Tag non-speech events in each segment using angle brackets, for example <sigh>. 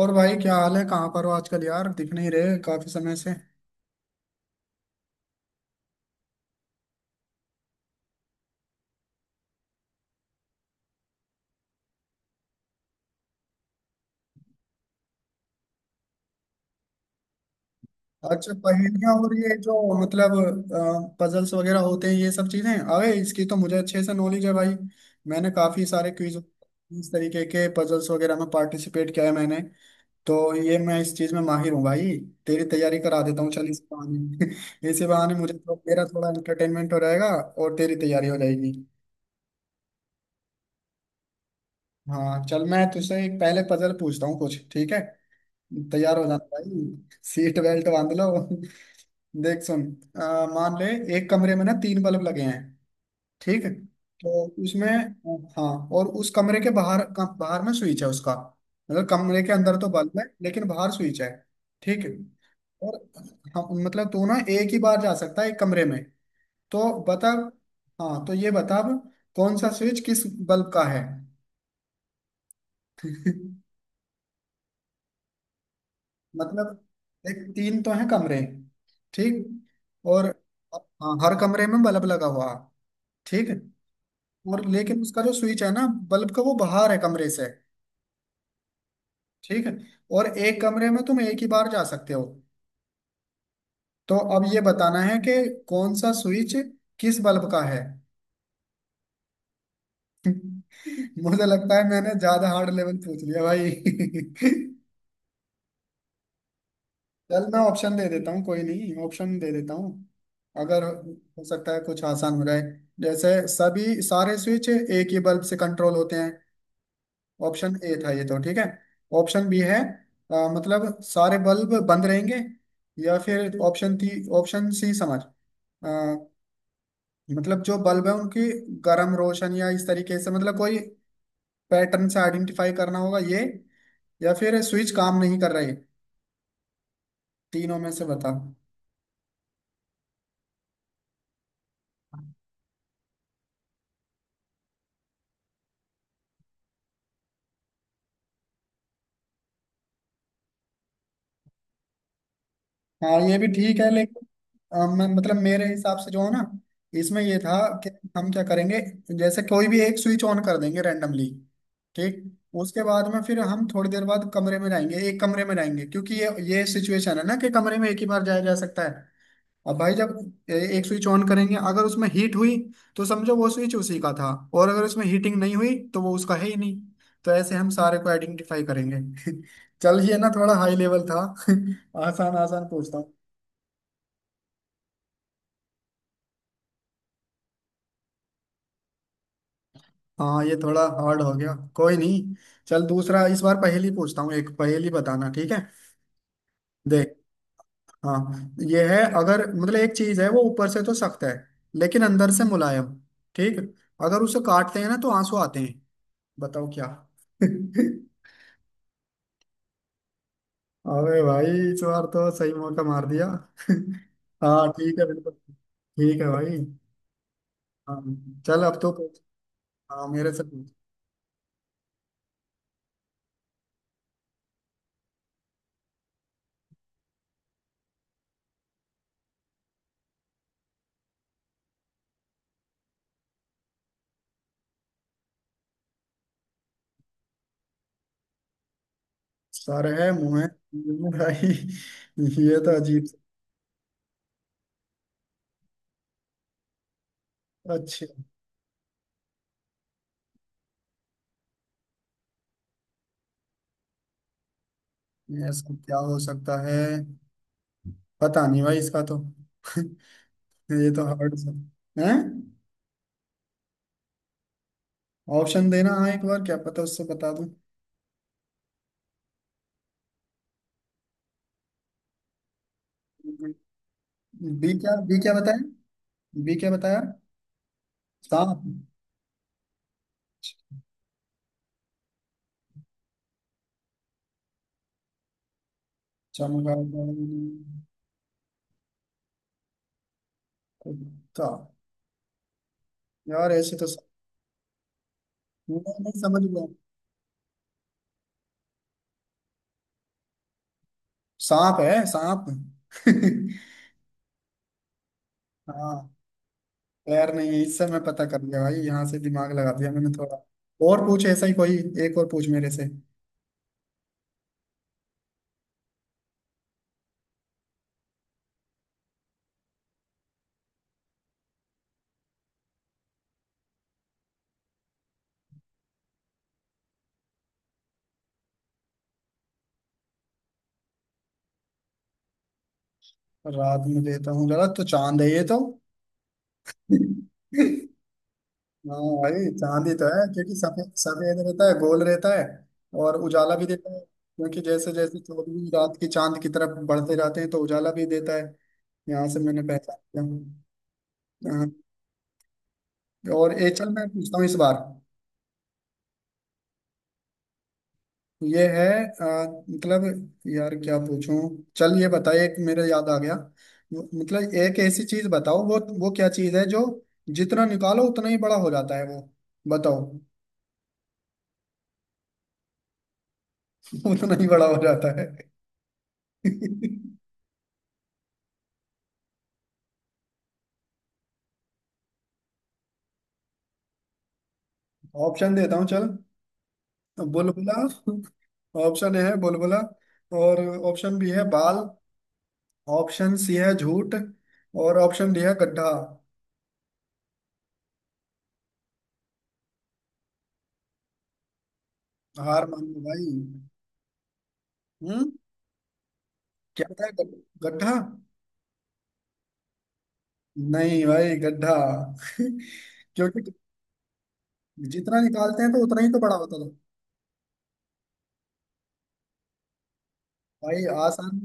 और भाई क्या हाल है। कहाँ पर हो आजकल यार? दिख नहीं रहे काफी समय से। अच्छा पहेलियां और ये जो मतलब पजल्स वगैरह होते हैं ये सब चीजें, अरे इसकी तो मुझे अच्छे से नॉलेज है भाई। मैंने काफी सारे क्विज, इस तरीके के पजल्स वगैरह में पार्टिसिपेट किया है। मैंने तो ये मैं इस चीज में माहिर हूँ भाई। तेरी तैयारी करा देता हूँ चल इस बहाने <laughs> इसी बहाने मुझे तो मेरा थोड़ा एंटरटेनमेंट हो जाएगा। और तेरी तैयारी हो जाएगी। हाँ चल, मैं तुझसे एक पहले पजल पूछता हूँ कुछ, ठीक है? तैयार हो जाना भाई, सीट बेल्ट बांध लो। देख सुन। अ, मान ले एक कमरे में ना तीन बल्ब लगे हैं, ठीक है? तो उसमें, हाँ, और उस कमरे के बाहर बाहर में स्विच है उसका। मतलब कमरे के अंदर तो बल्ब है, लेकिन बाहर स्विच है, ठीक है? और हम मतलब तू ना एक ही बार जा सकता है एक कमरे में। तो बता, हाँ तो ये बता अब, कौन सा स्विच किस बल्ब का है? <laughs> मतलब एक तीन तो हैं कमरे, ठीक, और हाँ, हर कमरे में बल्ब लगा हुआ, ठीक। और लेकिन उसका जो स्विच है ना बल्ब का, वो बाहर है कमरे से। ठीक है, और एक कमरे में तुम एक ही बार जा सकते हो। तो अब ये बताना है कि कौन सा स्विच किस बल्ब का है। <laughs> मुझे लगता है मैंने ज्यादा हार्ड लेवल पूछ लिया भाई <laughs> चल मैं ऑप्शन दे देता हूँ, कोई नहीं ऑप्शन दे देता हूँ, अगर हो सकता है कुछ आसान हो जाए। जैसे सभी सारे स्विच एक ही बल्ब से कंट्रोल होते हैं, ऑप्शन ए था ये, तो ठीक है। ऑप्शन बी है, मतलब सारे बल्ब बंद रहेंगे। या फिर ऑप्शन थी ऑप्शन सी समझ, अ, मतलब जो बल्ब है उनकी गर्म रोशन या इस तरीके से मतलब कोई पैटर्न से आइडेंटिफाई करना होगा ये। या फिर स्विच काम नहीं कर रहे। तीनों में से बताओ। हाँ ये भी ठीक है, लेकिन मैं मतलब मेरे हिसाब से जो है ना, इसमें ये था कि हम क्या करेंगे, जैसे कोई भी एक स्विच ऑन कर देंगे रैंडमली, ठीक। उसके बाद में फिर हम थोड़ी देर बाद कमरे में जाएंगे, एक कमरे में जाएंगे, क्योंकि ये सिचुएशन है ना कि कमरे में एक ही बार जाया जा सकता है। अब भाई जब एक स्विच ऑन करेंगे, अगर उसमें हीट हुई तो समझो वो स्विच उसी का था। और अगर उसमें हीटिंग नहीं हुई तो वो उसका है ही नहीं। तो ऐसे हम सारे को आइडेंटिफाई करेंगे <laughs> चल ये ना थोड़ा हाई लेवल था <laughs> आसान आसान पूछता हूँ। हाँ ये थोड़ा हार्ड हो गया, कोई नहीं। चल दूसरा इस बार पहेली पूछता हूँ, एक पहेली बताना, ठीक है? देख, हाँ ये है, अगर मतलब एक चीज है वो ऊपर से तो सख्त है, लेकिन अंदर से मुलायम, ठीक। अगर उसे काटते हैं ना तो आंसू आते हैं। बताओ क्या? <laughs> अबे भाई, इस बार तो सही मौका मार दिया <laughs> हाँ ठीक है, बिल्कुल ठीक है भाई। हाँ चल अब तो पूछ। हाँ मेरे से पूछ। सर है मुंह है <laughs> मुंह है भाई <laughs> ये तो अजीब। अच्छा यस, क्या हो सकता है? पता नहीं भाई, इसका तो <laughs> ये तो हार्ड सा है। ऑप्शन देना हाँ, एक बार क्या पता उससे बता दूं। बी क्या? बी क्या बताया? बी क्या बताया? सांप, चमगादड़ का? यार ऐसे तो, नहीं नहीं समझ गया। सांप है सांप <laughs> हाँ पैर नहीं है इससे मैं पता कर लिया भाई, यहाँ से दिमाग लगा दिया मैंने थोड़ा। और पूछ ऐसा ही कोई। एक और पूछ मेरे से। रात में देता हूँ जरा, तो चांद है ये तो। हाँ भाई चांदी तो है क्योंकि सफेद सफेद रहता है, गोल रहता है। और उजाला भी देता है क्योंकि जैसे जैसे 14वीं रात की चांद की तरफ बढ़ते जाते हैं तो उजाला भी देता है। यहाँ से मैंने पहचान लिया हूँ। हाँ, और ये चल मैं पूछता हूँ इस बार। ये है, आ, मतलब, यार क्या पूछूं? चल ये बताइए एक मेरे याद आ गया। मतलब एक ऐसी चीज बताओ, वो क्या चीज है जो जितना निकालो उतना ही बड़ा हो जाता है वो? बताओ <laughs> उतना ही बड़ा हो जाता है <laughs> ऑप्शन देता हूँ चल। बुलबुला, ऑप्शन ए है बुलबुला। और ऑप्शन बी है बाल। ऑप्शन सी है झूठ। और ऑप्शन डी है गड्ढा। हार मान लो भाई। हम्म, क्या था, गड्ढा। नहीं भाई गड्ढा <laughs> क्योंकि जितना निकालते हैं तो उतना ही तो बड़ा होता था। भाई आसान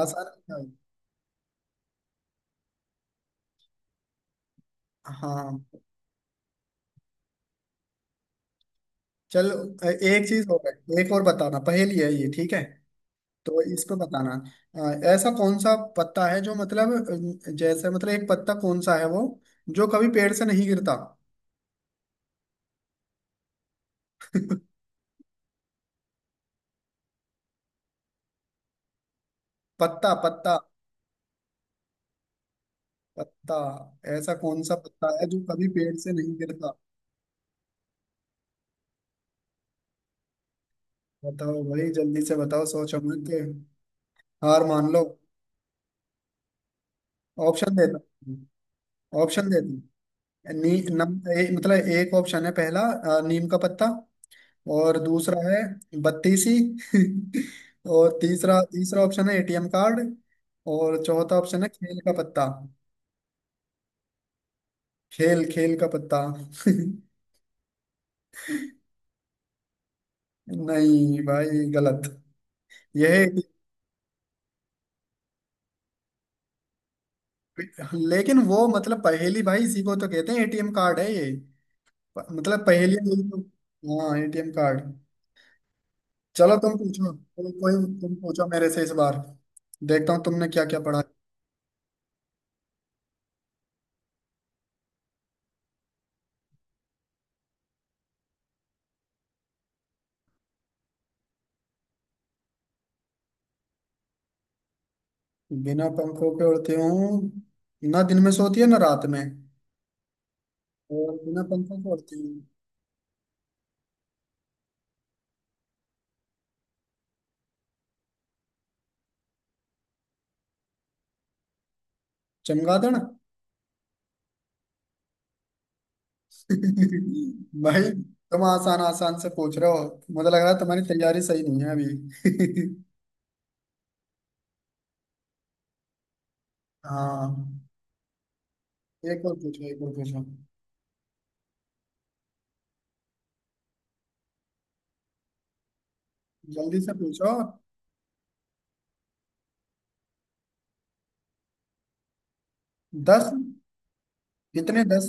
आसान नहीं था। हाँ चल, एक चीज और है। एक और बताना पहेली है ये, ठीक है? तो इस पे बताना अ, ऐसा कौन सा पत्ता है जो मतलब जैसे मतलब एक पत्ता कौन सा है वो, जो कभी पेड़ से नहीं गिरता? <laughs> पत्ता पत्ता पत्ता, ऐसा कौन सा पत्ता है जो कभी पेड़ से नहीं गिरता? बताओ भाई जल्दी से बताओ, सोचो मत के। हार मान लो। ऑप्शन देता हूँ, ऑप्शन देता हूँ। नी नम ए, मतलब एक ऑप्शन है पहला, नीम का पत्ता। और दूसरा है बत्तीसी <laughs> और तीसरा, तीसरा ऑप्शन है एटीएम कार्ड। और चौथा ऑप्शन है खेल का पत्ता। खेल, खेल का पत्ता <laughs> नहीं भाई गलत। यह लेकिन वो मतलब पहेली भाई, इसी को तो कहते हैं, एटीएम कार्ड है ये। मतलब पहेली यही तो, हाँ एटीएम कार्ड। चलो तुम पूछो कोई कोई, तुम पूछो मेरे से इस बार, देखता हूँ तुमने क्या क्या पढ़ा। बिना पंखों के उड़ती हूँ, ना दिन में सोती है ना रात में। और बिना पंखों के उड़ती है। चमगादड़ <laughs> भाई तुम आसान आसान से पूछ रहे हो, मुझे लग रहा है तुम्हारी तैयारी सही नहीं है अभी <laughs> हाँ एक और पूछो, एक और पूछो। जल्दी से पूछो। 10? कितने, 10?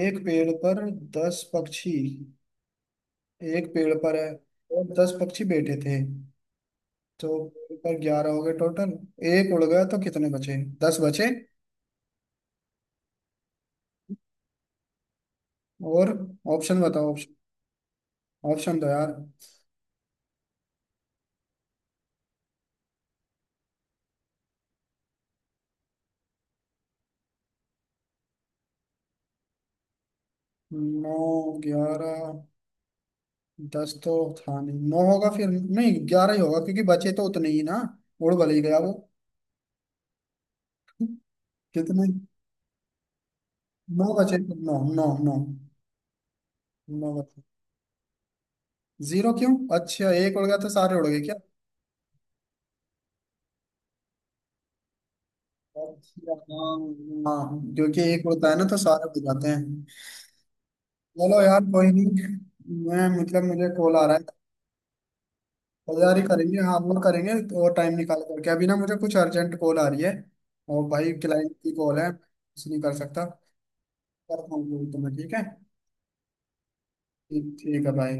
एक पेड़ पर 10 पक्षी? एक पेड़ पर है और 10 पक्षी बैठे थे, तो पेड़ पर 11 हो गए टोटल। एक उड़ गया तो कितने बचे? 10 बचे? और ऑप्शन बताओ ऑप्शन। ऑप्शन दो यार। नौ, 11, 10 तो था नहीं, नौ होगा फिर, नहीं 11 ही होगा क्योंकि बचे तो उतने ही ना, उड़ भले ही गया वो। कितने? नौ बचे, तो नौ नौ नौ, नौ बचे। जीरो क्यों? अच्छा एक उड़ गया तो सारे उड़ गए क्या? अच्छा, हाँ। हाँ, क्योंकि एक उड़ता है ना तो सारे उड़ जाते हैं। चलो यार कोई नहीं। मैं मतलब मुझे कॉल आ रहा है, तैयारी करेंगे हाँ वो करेंगे तो टाइम निकाल करके, अभी ना मुझे कुछ अर्जेंट कॉल आ रही है। और भाई क्लाइंट की कॉल है, कुछ नहीं कर सकता। करता हूँ तो मैं, ठीक है? ठीक ठीक है भाई।